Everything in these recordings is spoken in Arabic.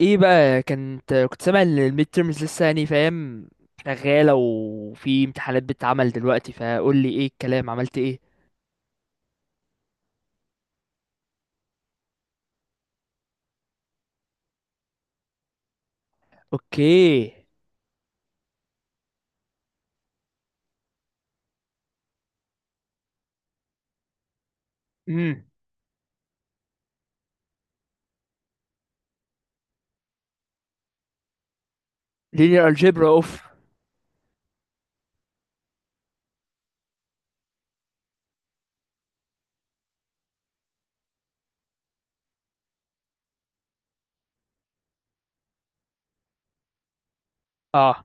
ايه بقى كنت سامع ان الميد تيرمز لسه يعني فاهم شغاله وفي امتحانات بتتعمل دلوقتي؟ فقول لي ايه الكلام، عملت ايه؟ اوكي. امم لينير الجبرا اوف. اه،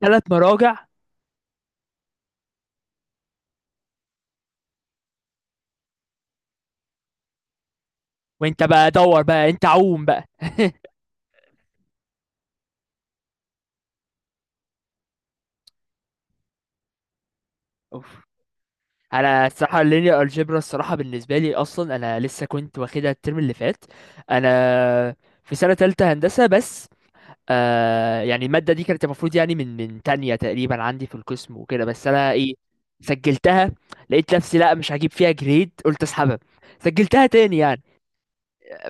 ثلاث مراجع. وانت بقى دور بقى، انت عوم بقى. اوف. انا الصراحه اللينير الجبرا الصراحه بالنسبه لي اصلا انا لسه كنت واخدها الترم اللي فات. انا في سنه تالتة هندسه بس. يعني المادة دي كانت المفروض يعني من تانية تقريبا عندي في القسم وكده، بس أنا إيه، سجلتها. لقيت نفسي لا مش هجيب فيها جريد، قلت أسحبها. سجلتها تاني يعني.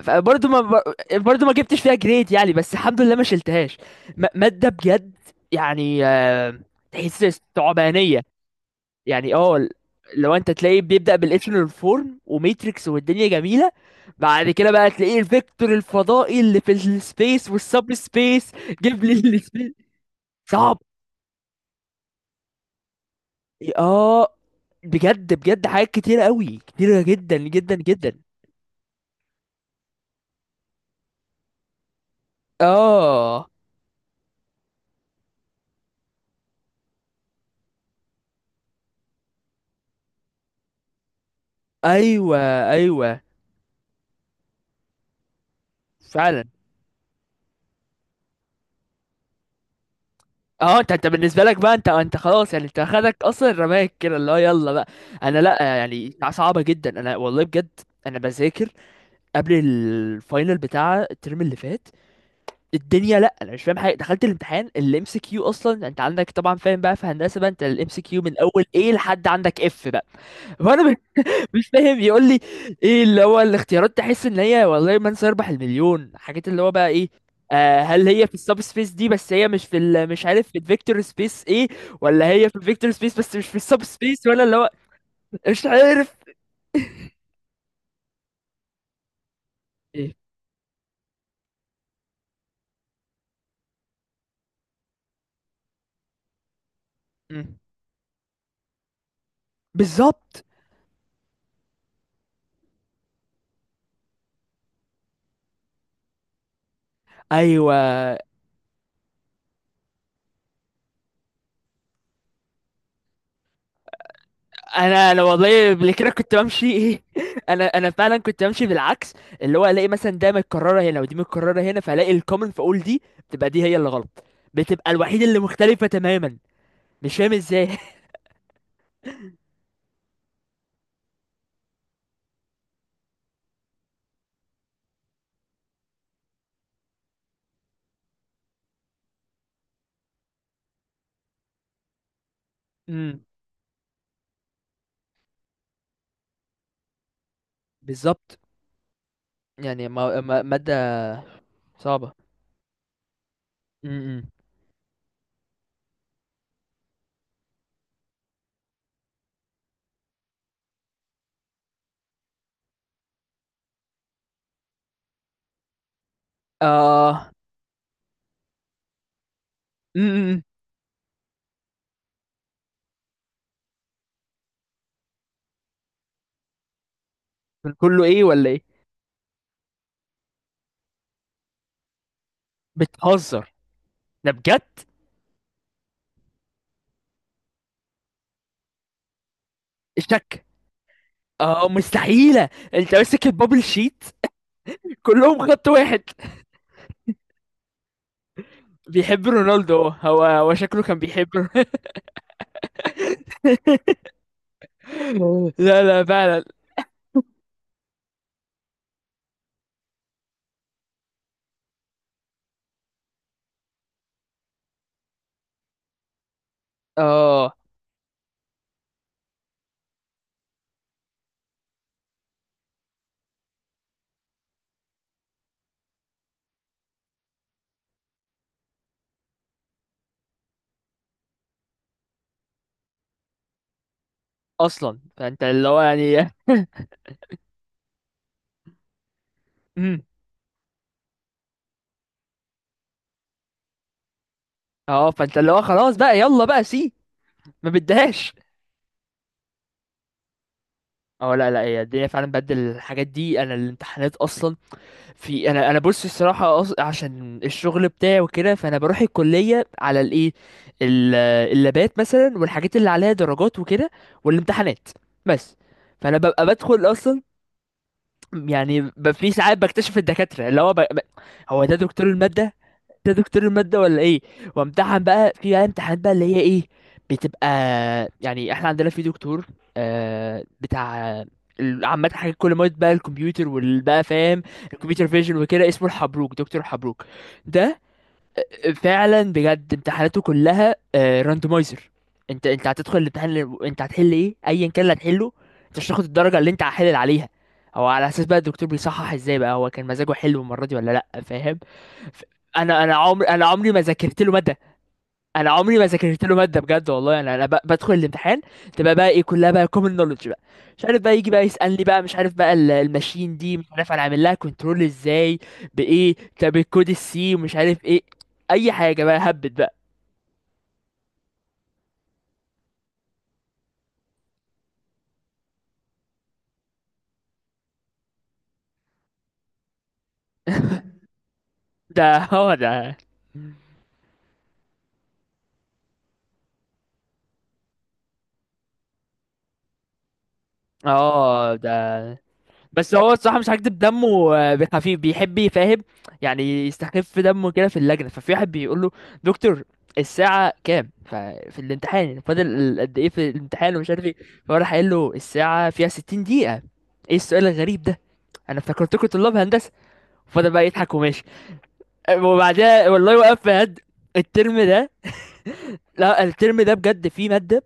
فبرضه ما برضه ما جبتش فيها جريد يعني، بس الحمد لله ما شلتهاش. مادة بجد يعني، تحس استعبانية. يعني لو انت تلاقيه بيبدأ بالإشلون فورم وميتريكس والدنيا جميلة، بعد كده بقى تلاقيه الفيكتور الفضائي اللي في السبيس والسب سبيس. جيب لي، صعب. اه بجد بجد، حاجات كتيرة قوي، كتيرة جدا جدا جدا. اه ايوه، ايوه فعلا. اه، انت بالنسبه لك بقى، انت خلاص يعني، انت خدك اصلا رماك كده اللي هو يلا بقى. انا لا، يعني صعبه جدا، انا والله بجد. انا بذاكر قبل الفاينل بتاع الترم اللي فات الدنيا، لا انا مش فاهم حاجه. دخلت الامتحان الام سي كيو اصلا، انت عندك طبعا فاهم بقى في هندسه بقى، انت الام سي كيو من اول ايه لحد عندك اف بقى. وانا مش فاهم، يقول لي ايه اللي هو الاختيارات، تحس ان هي والله من سيربح المليون، حاجات اللي هو بقى ايه، هل هي في السب سبيس دي بس هي مش في مش عارف في الفيكتور سبيس ايه، ولا هي في الفيكتور سبيس بس مش في السب سبيس، ولا اللي هو مش عارف ايه. مم. بالظبط. ايوه، انا والله قبل كده كنت بمشي ايه انا فعلا كنت بمشي بالعكس. اللي هو الاقي مثلا ده متكرره هنا ودي متكرره هنا، فالاقي الكومن فاقول دي بتبقى دي هي اللي غلط، بتبقى الوحيده اللي مختلفه تماما. مش فاهم ازاي امم بالظبط. يعني ما مادة صعبة. امم اه. امم من كله ايه ولا ايه؟ بتهزر؟ ده بجد؟ شك. اه مستحيلة، انت ماسك البابل شيت. كلهم خط واحد. بيحب رونالدو، هو هو هو شكله كان لا، لا فعلا. اه اصلا فانت اللي هو يعني. امم اه، فانت اللي هو خلاص بقى يلا بقى سي. ما بدهاش. اه لا، لا هي الدنيا فعلا بدل الحاجات دي، انا الامتحانات اصلا في، انا بص الصراحه عشان الشغل بتاعي وكده، فانا بروح الكليه على الايه، ال- اللابات مثلا والحاجات اللي عليها درجات وكده، والامتحانات بس. فانا ببقى بدخل اصلا يعني، في ساعات بكتشف الدكاتره اللي هو هو ده دكتور الماده؟ ده دكتور المادة ولا ايه؟ وامتحن بقى في بقى امتحانات بقى اللي هي ايه، بتبقى يعني احنا عندنا في دكتور، بتاع عامة حاجات كل ما بقى الكمبيوتر والبقى فاهم الكمبيوتر فيجن وكده، اسمه الحبروك، دكتور الحبروك ده. فعلا بجد امتحاناته كلها راندمايزر. انت هتدخل الامتحان انت هتحل ايه، ايا كان اللي هتحله، انت مش هتاخد الدرجه اللي انت هحلل عليها. هو على اساس بقى الدكتور بيصحح ازاي بقى، هو كان مزاجه حلو المره دي ولا لا، فاهم؟ ف- انا عمري ما ذاكرت له ماده. انا عمري ما ذاكرت له ماده بجد والله، يعني انا بدخل الامتحان تبقى بقى ايه كلها بقى كومن نولج بقى. مش عارف بقى يجي بقى يسالني بقى مش عارف بقى الماشين دي مش عارف انا عامل لها كنترول ازاي، بايه، طب الكود السي مش عارف ايه، اي حاجه بقى هبت بقى. ده هو ده. اه، ده بس هو الصراحه مش هكدب دمه خفيف بيحب يفهم. يعني يستخف دمه كده في اللجنه. ففي واحد بيقول له: دكتور، الساعه كام، ففي الامتحان فاضل قد ايه في الامتحان ومش عارف ايه. فهو راح قايل له: الساعه فيها 60 دقيقه. ايه السؤال الغريب ده، انا افتكرتكم طلاب هندسه. فضل بقى يضحك وماشي. وبعدها والله وقف فهد الترم ده. لا، الترم ده بجد فيه ماده،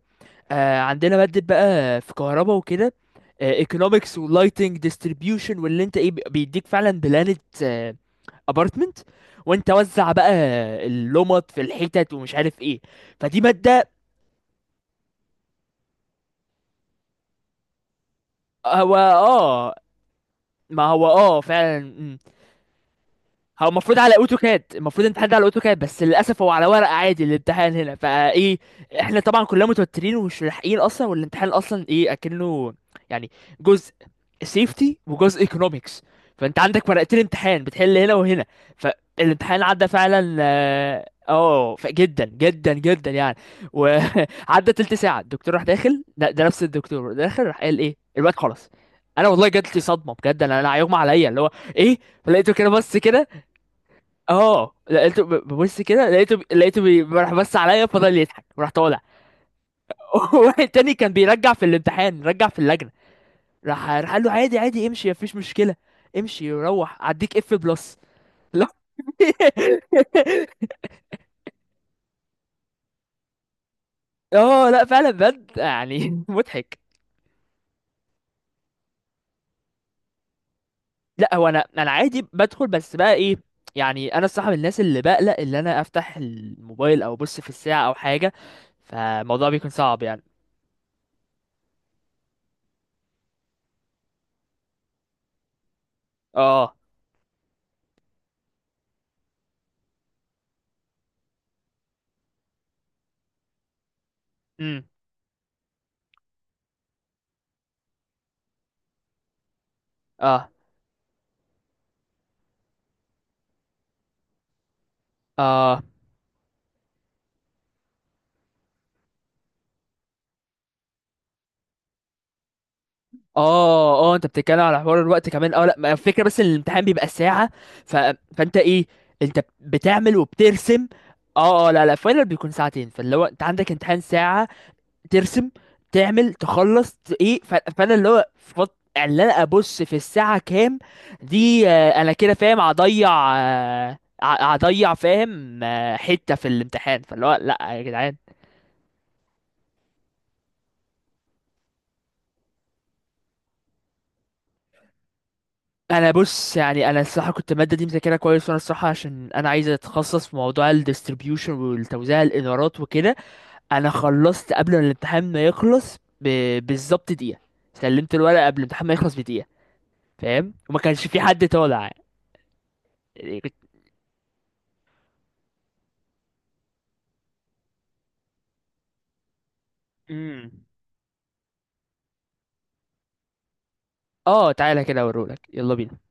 عندنا مادة بقى في كهرباء وكده، ايكونومكس ولايتنج ديستريبيوشن، واللي انت ايه بيديك فعلا بلانة ابارتمنت وانت وزع بقى اللمط في الحتت ومش عارف ايه. فدي مادة، هو اه، ما هو اه فعلا. هو المفروض على اوتوكاد، المفروض الامتحان ده على اوتوكاد بس للاسف هو على ورق عادي الامتحان، هنا فايه احنا طبعا كلنا متوترين ومش ملاحقين اصلا. والامتحان اصلا ايه اكنه يعني جزء سيفتي وجزء ايكونومكس، فانت عندك ورقتين امتحان بتحل هنا وهنا. فالامتحان عدى فعلا، جدا جدا جدا يعني. وعدى تلت ساعه الدكتور راح داخل، ده نفس الدكتور داخل راح قال ايه الوقت خلاص. انا والله جات لي صدمه بجد، انا هيغمى عليا اللي هو ايه. فلقيته كده بس كده. اه لقيته ببص كده، راح بص عليا فضل يضحك وراح طالع. واحد تاني كان بيرجع في الامتحان، رجع في اللجنه. راح قال له: عادي عادي، امشي، مفيش مشكله، امشي روح اديك اف بلس. لا اه لا فعلا بجد يعني مضحك. لا هو انا عادي بدخل بس بقى ايه، يعني انا الصراحه من الناس اللي بقلق ان انا افتح الموبايل او ابص في الساعه او حاجه. فالموضوع بيكون صعب يعني. اه. امم اه. اه. اه اه، انت بتتكلم على حوار الوقت كمان. اه لا، ما الفكره بس ان الامتحان بيبقى ساعه. ف... فانت ايه انت بتعمل وبترسم. اه اه لا، لا فاينل بيكون ساعتين. فاللي هو انت عندك امتحان ساعه، ترسم تعمل تخلص ايه فانا اللي هو اللي انا ابص في الساعه كام دي، انا كده فاهم هضيع، هضيع فاهم حته في الامتحان، فاللي هو لا يا جدعان. انا بص يعني انا الصراحه كنت الماده دي مذاكرها كويس، وانا الصراحه عشان انا عايز اتخصص في موضوع الديستريبيوشن والتوزيع الادارات وكده، انا خلصت قبل ما الامتحان ما يخلص بالظبط دقيقه. سلمت الورقه قبل الامتحان ما يخلص بدقيقه. فاهم؟ وما كانش في حد طالع. يعني كنت... مم. اه تعالى كده اوريهولك، يلا بينا.